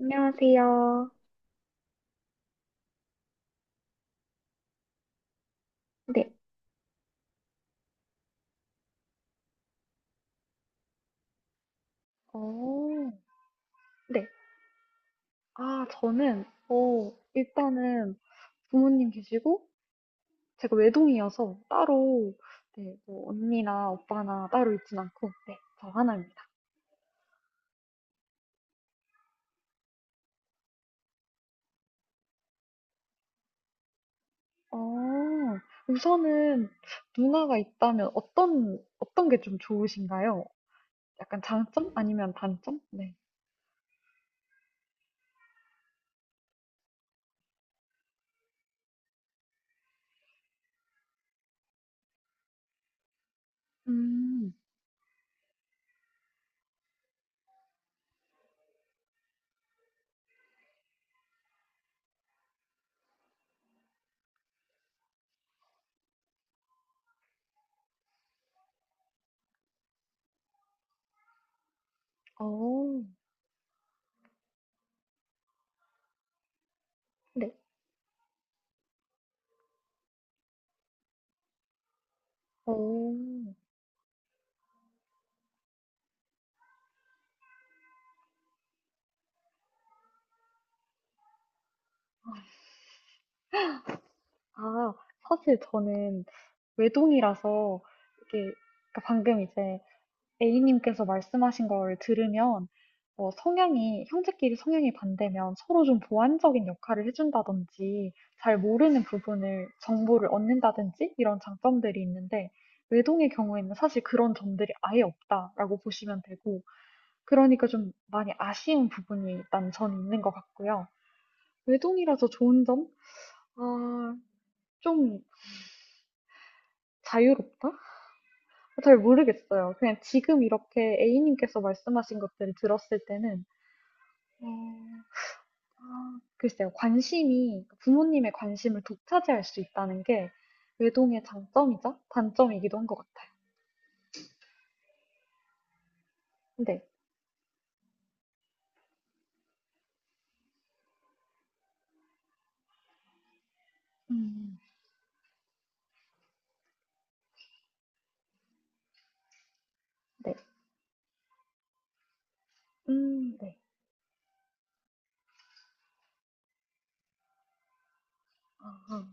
안녕하세요. 네. 오, 네. 저는 일단은 부모님 계시고, 제가 외동이어서 따로, 네, 뭐, 언니나 오빠나 따로 있진 않고, 네, 저 하나입니다. 어, 우선은 누나가 있다면 어떤 게 좀 좋으신가요? 약간 장점? 아니면 단점? 네. 음. 어. 네. 오. 아, 사실 저는 외동이라서 이게 그러니까 방금 이제 A님께서 말씀하신 걸 들으면 성향이 형제끼리 성향이 반대면 서로 좀 보완적인 역할을 해준다든지 잘 모르는 부분을 정보를 얻는다든지 이런 장점들이 있는데 외동의 경우에는 사실 그런 점들이 아예 없다라고 보시면 되고 그러니까 좀 많이 아쉬운 부분이 일단 전 있는 것 같고요. 외동이라서 좋은 점? 아, 좀 자유롭다? 잘 모르겠어요. 그냥 지금 이렇게 A님께서 말씀하신 것들을 들었을 때는 음, 아, 글쎄요, 관심이 부모님의 관심을 독차지할 수 있다는 게 외동의 장점이자 단점이기도 한 것 같아요. 네. 음. 네. 음. 네. 아.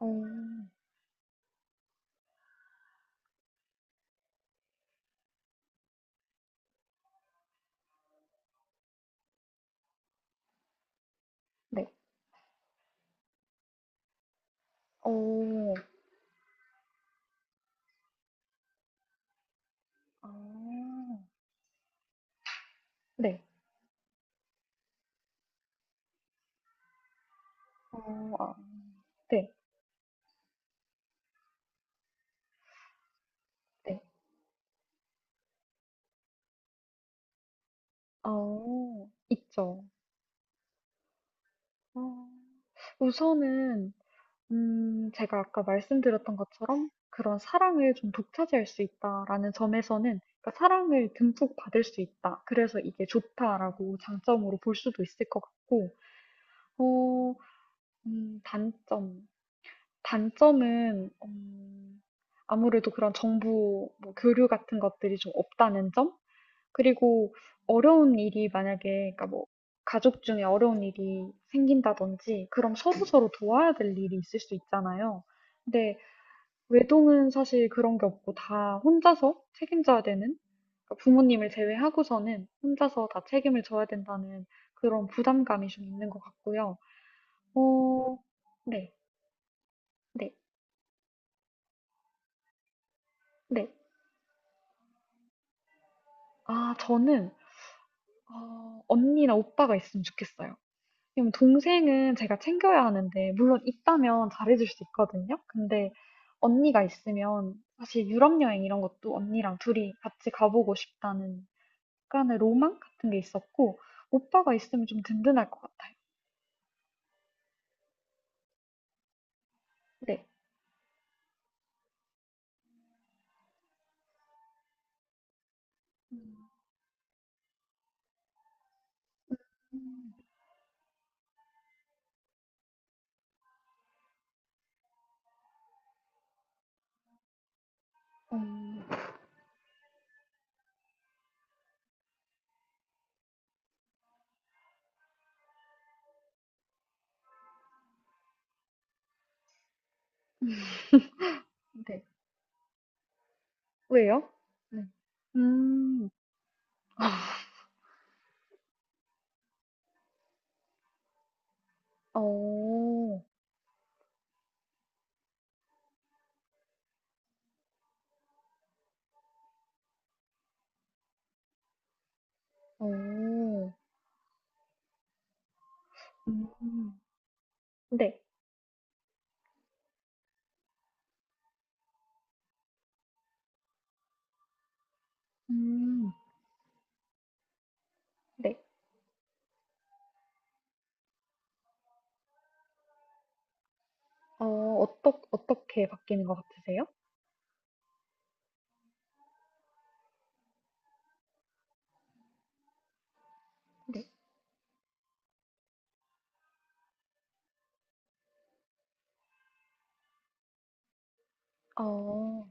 어. 네. 어. 아. 네. 어. 아. 네. 네. 어, 있죠. 어, 우선은 제가 아까 말씀드렸던 것처럼 그런 사랑을 좀 독차지할 수 있다라는 점에서는 그러니까 사랑을 듬뿍 받을 수 있다. 그래서 이게 좋다라고 장점으로 볼 수도 있을 것 같고, 어. 음. 단점. 단점은 아무래도 그런 정보, 뭐 교류 같은 것들이 좀 없다는 점? 그리고 어려운 일이 만약에, 그러니까 뭐, 가족 중에 어려운 일이 생긴다든지, 그럼 서로서로 도와야 될 일이 있을 수 있잖아요. 근데 외동은 사실 그런 게 없고 다 혼자서 책임져야 되는, 그러니까 부모님을 제외하고서는 혼자서 다 책임을 져야 된다는 그런 부담감이 좀 있는 것 같고요. 어. 네. 네. 네. 아, 저는, 언니나 오빠가 있으면 좋겠어요. 왜냐면 동생은 제가 챙겨야 하는데, 물론 있다면 잘해줄 수 있거든요. 근데 언니가 있으면 사실 유럽 여행 이런 것도 언니랑 둘이 같이 가보고 싶다는 약간의 로망 같은 게 있었고 오빠가 있으면 좀 든든할 것 같아요. 네. 음. 음. 네. 왜요? 네. 음. 어. 어. 음. 네. 음. 네. 어, 어떻게 바뀌는 것 같으세요? 네. 어.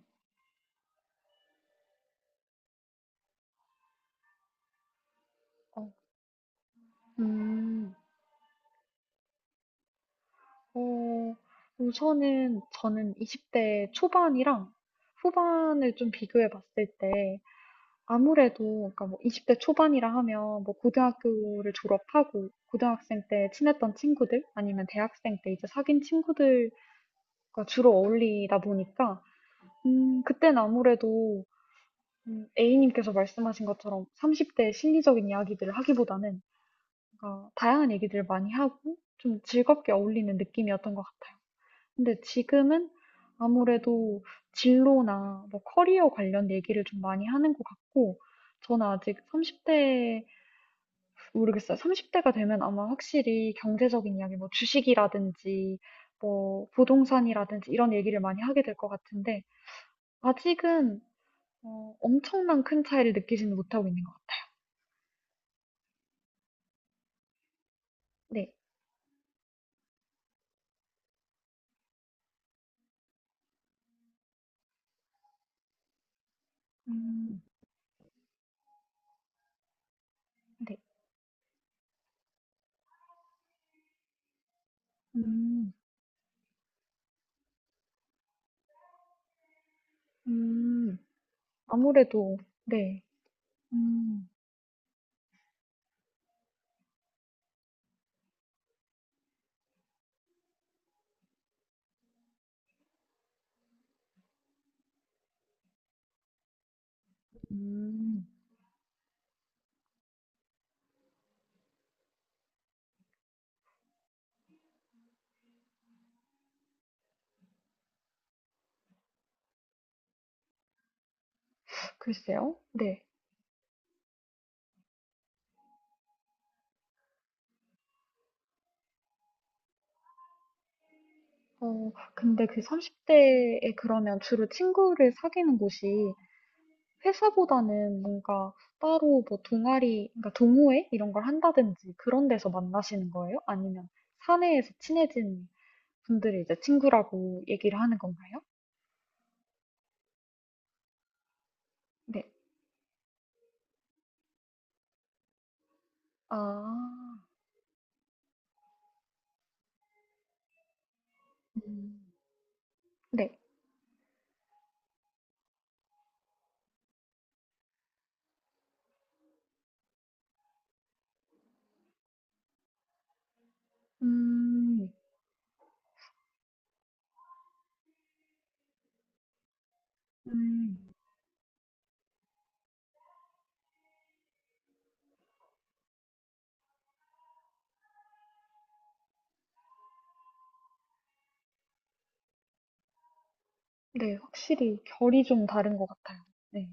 어. 음. 어, 우선은 저는 20대 초반이랑 후반을 좀 비교해 봤을 때 아무래도 그러니까 뭐 20대 초반이라 하면 뭐 고등학교를 졸업하고 고등학생 때 친했던 친구들 아니면 대학생 때 이제 사귄 친구들과 주로 어울리다 보니까 그땐 아무래도 A님께서 말씀하신 것처럼 30대의 실리적인 이야기들을 하기보다는 뭔가 다양한 얘기들을 많이 하고 좀 즐겁게 어울리는 느낌이었던 것 같아요. 근데 지금은 아무래도 진로나 뭐 커리어 관련 얘기를 좀 많이 하는 것 같고 저는 아직 30대 모르겠어요. 30대가 되면 아마 확실히 경제적인 이야기, 뭐 주식이라든지, 뭐 부동산이라든지 이런 얘기를 많이 하게 될 것 같은데, 아직은 엄청난 큰 차이를 느끼지는 못하고 있는 것 같아요. 네. 음. 네. 음. 음. 아무래도. 네. 음. 음. 글쎄요. 네. 어, 근데 그 30대에 그러면 주로 친구를 사귀는 곳이 회사보다는 뭔가 따로 뭐 동아리, 그러니까 동호회 이런 걸 한다든지 그런 데서 만나시는 거예요? 아니면 사내에서 친해진 분들이 이제 친구라고 얘기를 하는 건가요? 네. 아. 음. 네. 음. 음. 네. 확실히 결이 좀 다른 것 같아요. 네.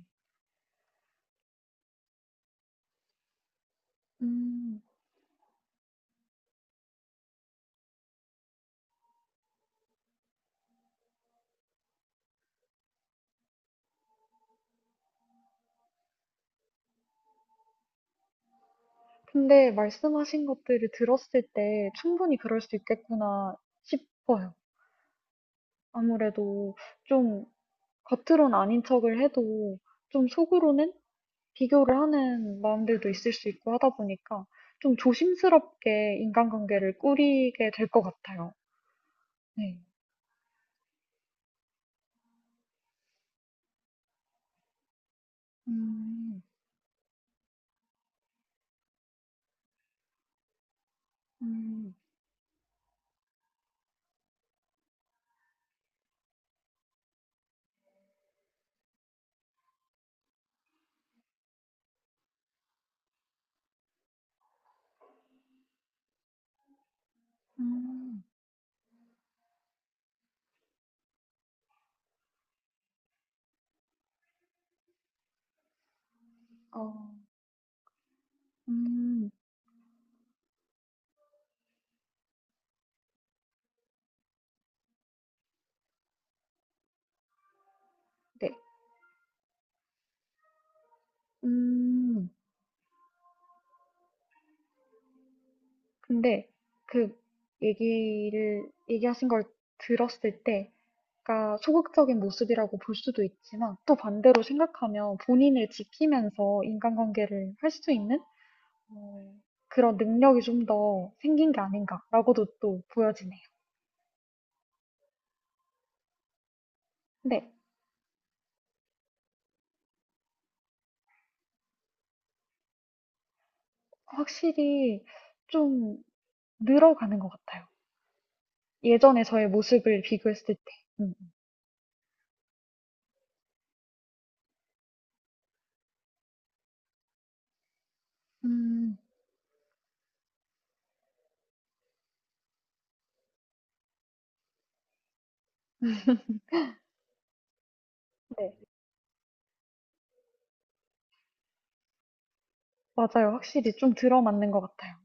음, 근데 말씀하신 것들을 들었을 때 충분히 그럴 수 있겠구나 싶어요. 아무래도 좀 겉으론 아닌 척을 해도 좀 속으로는 비교를 하는 마음들도 있을 수 있고 하다 보니까 좀 조심스럽게 인간관계를 꾸리게 될 것 같아요. 네. 음. 음. 음. 어. 음. 네. 음. 근데 그 얘기하신 걸 들었을 때, 그러니까 소극적인 모습이라고 볼 수도 있지만, 또 반대로 생각하면 본인을 지키면서 인간관계를 할 수 있는 어, 그런 능력이 좀 더 생긴 게 아닌가라고도 또 보여지네요. 근데 확실히 좀 늘어가는 것 같아요. 예전에 저의 모습을 비교했을 때. 음. 음. 네. 맞아요. 확실히 좀 들어맞는 것 같아요.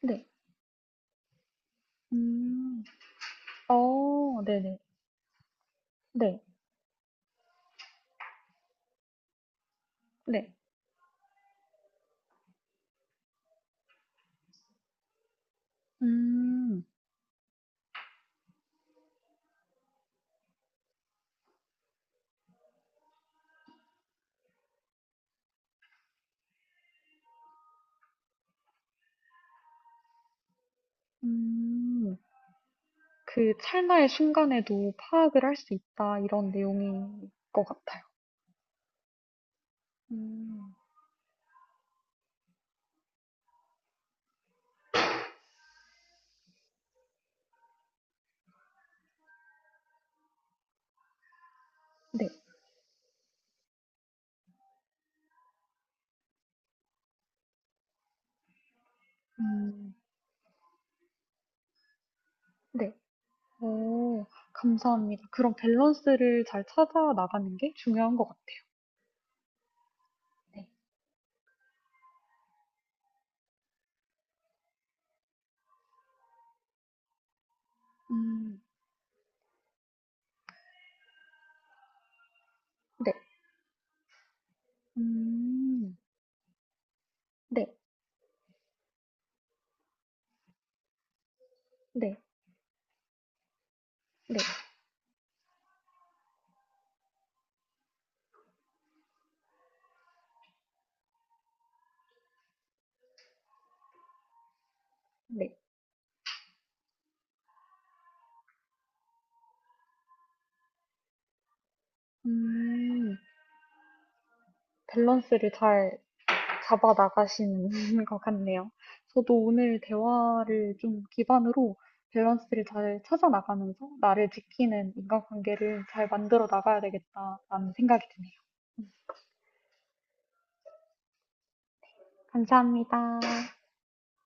네. 음. 어, 네네. 네. 네. 음. 음. 그 찰나의 순간에도 파악을 할 수 있다. 이런 내용인 것 같아요. 음. 네. 음. 네. 오, 감사합니다. 그런 밸런스를 잘 찾아 나가는 게 중요한 것 같아요. 네. 음. 네. 음. 네. 네. 네. 네. 음, 밸런스를 잘 잡아 나가시는 것 같네요. 저도 오늘 대화를 좀 기반으로 밸런스를 잘 찾아 나가면서 나를 지키는 인간관계를 잘 만들어 나가야 되겠다라는 생각이 드네요. 감사합니다.